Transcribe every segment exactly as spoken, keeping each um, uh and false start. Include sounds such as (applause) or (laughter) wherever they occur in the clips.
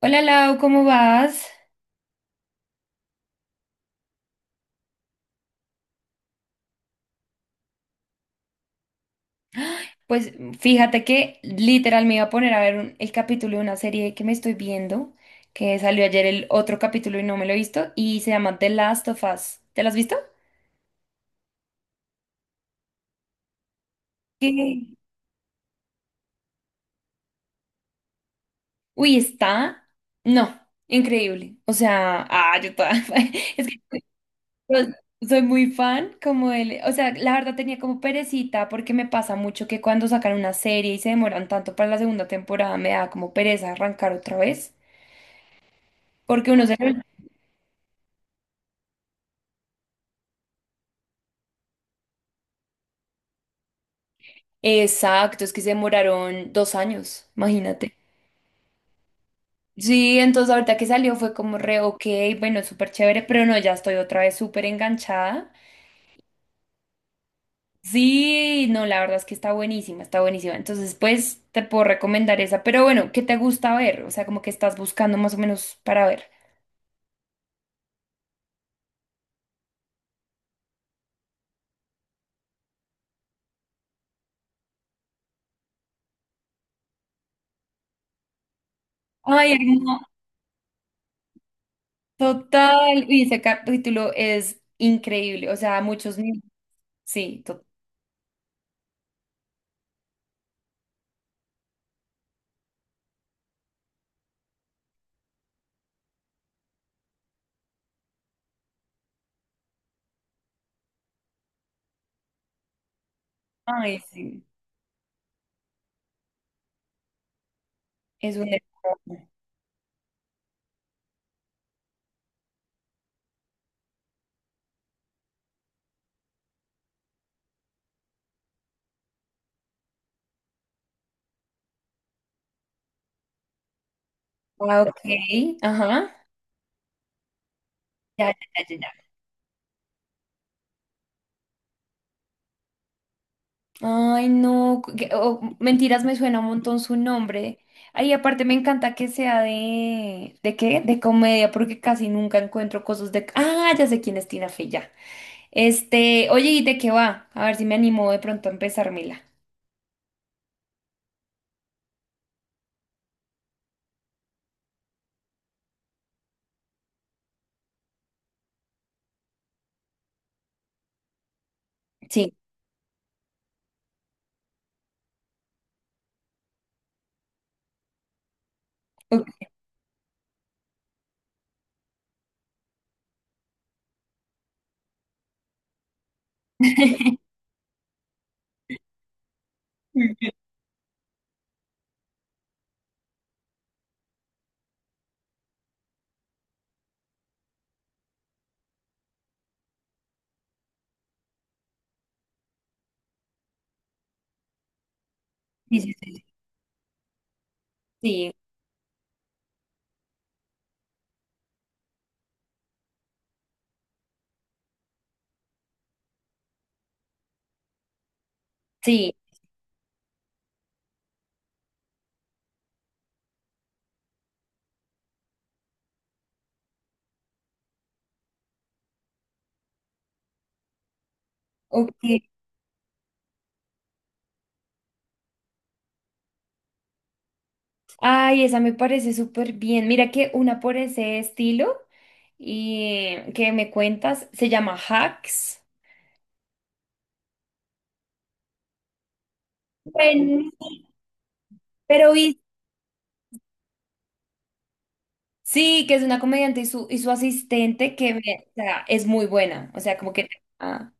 Hola Lau, ¿cómo vas? Pues fíjate que literal me iba a poner a ver un- el capítulo de una serie que me estoy viendo, que salió ayer el otro capítulo y no me lo he visto, y se llama The Last of Us. ¿Te lo has visto? ¿Qué? Uy, está. No, increíble. O sea, ah, yo toda. (laughs) Es que yo soy muy fan, como él. O sea, la verdad tenía como perecita, porque me pasa mucho que cuando sacan una serie y se demoran tanto para la segunda temporada, me da como pereza arrancar otra vez. Porque uno se. Exacto, es que se demoraron dos años, imagínate. Sí, entonces ahorita que salió fue como re ok, bueno, súper chévere, pero no, ya estoy otra vez súper enganchada. Sí, no, la verdad es que está buenísima, está buenísima. Entonces, pues te puedo recomendar esa, pero bueno, ¿qué te gusta ver? O sea, como que estás buscando más o menos para ver. Ay, hermano, total. Y ese capítulo es increíble, o sea, muchos mil. Sí, total. Ay, sí, es un. Ah, ok, ajá. Ya, ya, ya. Ay, no, cu- que- oh, mentiras, me suena un montón su nombre. Ay, aparte me encanta que sea de, ¿de qué? De comedia, porque casi nunca encuentro cosas de... Ah, ya sé quién es Tina Fey, ya. Este, oye, ¿y de qué va? A ver si me animo de pronto a empezármela. Sí. Ok. (laughs) Mm. Sí, sí, sí. Sí, sí, ok. Ay, esa me parece súper bien. Mira que una por ese estilo y que me cuentas se llama Hacks. Bueno, pero sí, que es una comediante y su, y su asistente que me- o sea, es muy buena. O sea, como que ah,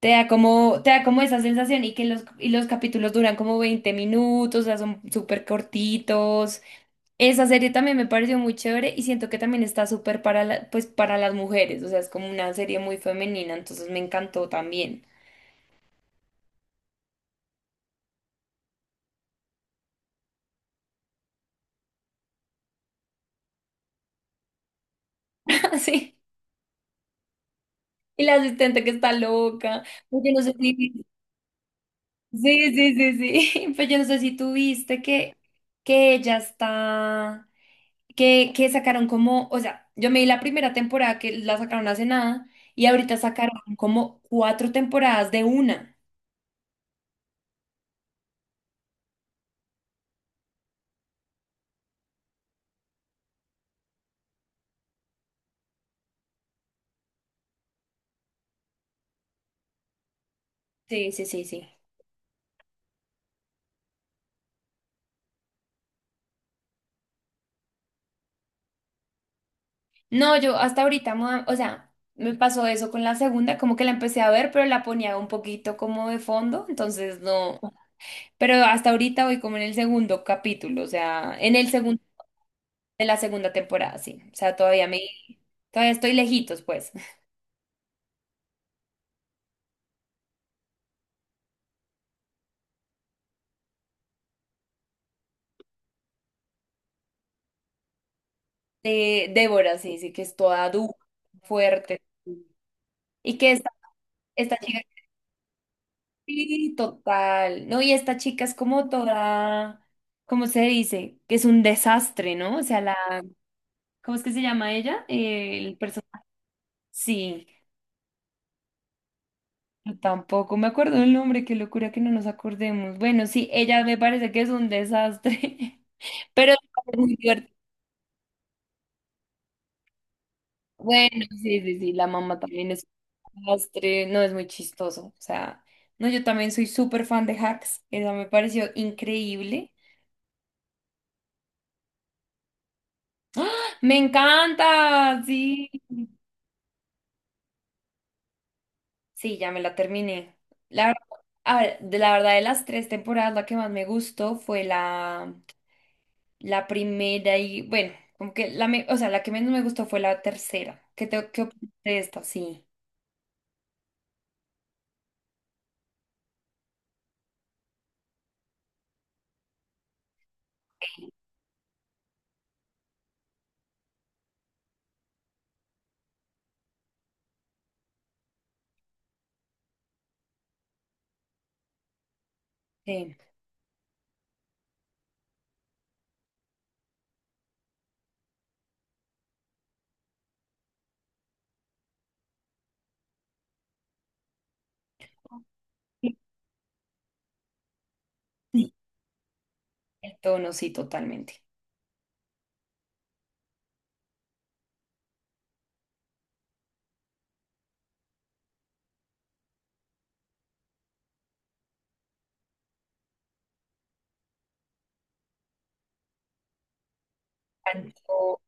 te da como, te da como esa sensación y que los, y los capítulos duran como veinte minutos, o sea, son súper cortitos. Esa serie también me pareció muy chévere y siento que también está súper para la- pues para las mujeres. O sea, es como una serie muy femenina, entonces me encantó también. (laughs) Sí. Y la asistente que está loca. Pues yo no sé si. Sí, sí, sí, sí. (laughs) Pues yo no sé si tú viste que, que ella está. que, que sacaron como, o sea, yo me vi la primera temporada que la sacaron hace nada y ahorita sacaron como cuatro temporadas de una. Sí, sí, sí, sí. No, yo hasta ahorita, ma- o sea, me pasó eso con la segunda, como que la empecé a ver, pero la ponía un poquito como de fondo, entonces no. Pero hasta ahorita voy como en el segundo capítulo, o sea, en el segundo de la segunda temporada, sí. O sea, todavía me, todavía estoy lejitos, pues. (laughs) De Débora, sí, sí, que es toda dura, fuerte. Sí. Y que esta, esta chica. Sí, total. No, y esta chica es como toda, ¿cómo se dice? Que es un desastre, ¿no? O sea, la, ¿cómo es que se llama ella? Eh, el personaje. Sí, yo tampoco me acuerdo el nombre, qué locura que no nos acordemos. Bueno, sí, ella me parece que es un desastre, (laughs) pero es muy divertido. Bueno, sí, sí, sí, la mamá también es un desastre, no es muy chistoso. O sea, no, yo también soy súper fan de Hacks, esa me pareció increíble. Me encanta, sí. Sí, ya me la terminé. La, ver- a ver, de la verdad, de las tres temporadas, la que más me gustó fue la, la primera y, bueno, como que la, me- o sea, la que menos me gustó fue la tercera. ¿Qué tengo que opinar de esta? Sí, sí. Sí. El tono, sí, totalmente. Tanto.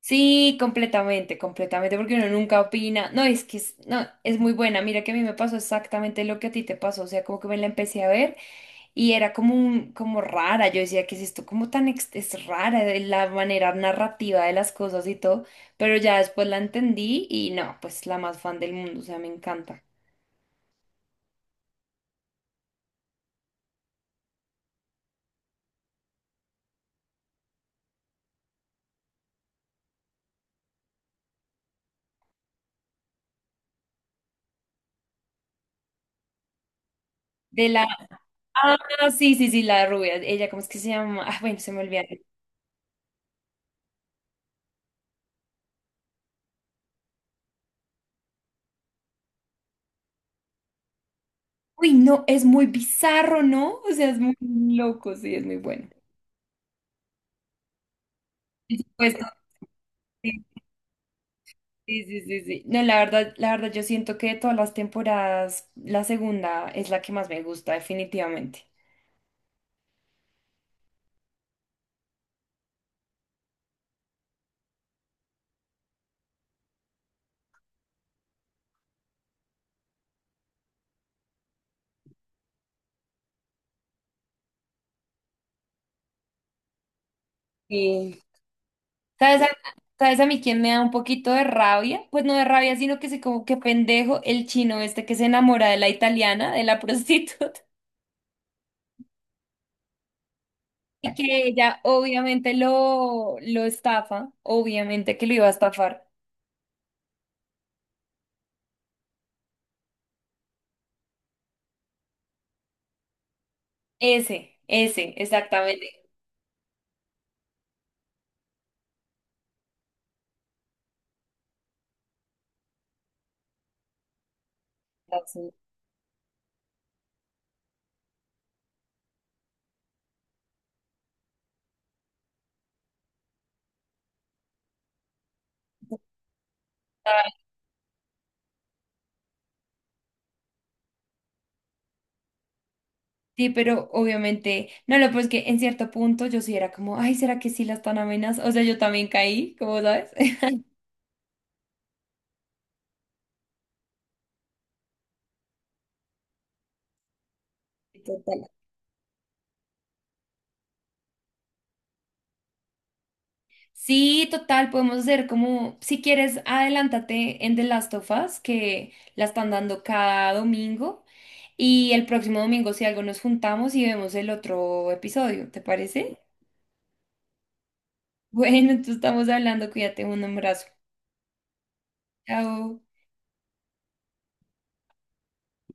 Sí, completamente, completamente, porque uno nunca opina. No, es que es, no, es muy buena. Mira que a mí me pasó exactamente lo que a ti te pasó. O sea, como que me la empecé a ver y era como un, como rara. Yo decía, ¿qué es esto? Como tan ex- es rara de la manera narrativa de las cosas y todo. Pero ya después la entendí y no, pues la más fan del mundo. O sea, me encanta. De la. Ah, sí, sí, sí, la rubia. Ella, ¿cómo es que se llama? Ah, bueno, se me olvidó. Uy, no, es muy bizarro, ¿no? O sea, es muy loco, sí, es muy bueno. Por supuesto. Sí, sí, sí, sí. No, la verdad, la verdad, yo siento que de todas las temporadas, la segunda es la que más me gusta, definitivamente. Sí. ¿Sabes a, sabes a mí quién me da un poquito de rabia? Pues no de rabia, sino que sé como que pendejo el chino este que se enamora de la italiana, de la (laughs) prostituta, y que ella obviamente lo, lo estafa, obviamente que lo iba a estafar. Ese, ese, exactamente. Sí, pero obviamente, no, lo pues que en cierto punto yo sí era como, ay, ¿será que sí la están amenazando? O sea, yo también caí, como sabes? (laughs) Total. Sí, total, podemos hacer como, si quieres, adelántate en The Last of Us, que la están dando cada domingo, y el próximo domingo, si algo, nos juntamos y vemos el otro episodio, ¿te parece? (laughs) Bueno, entonces estamos hablando, cuídate, un abrazo. Chao.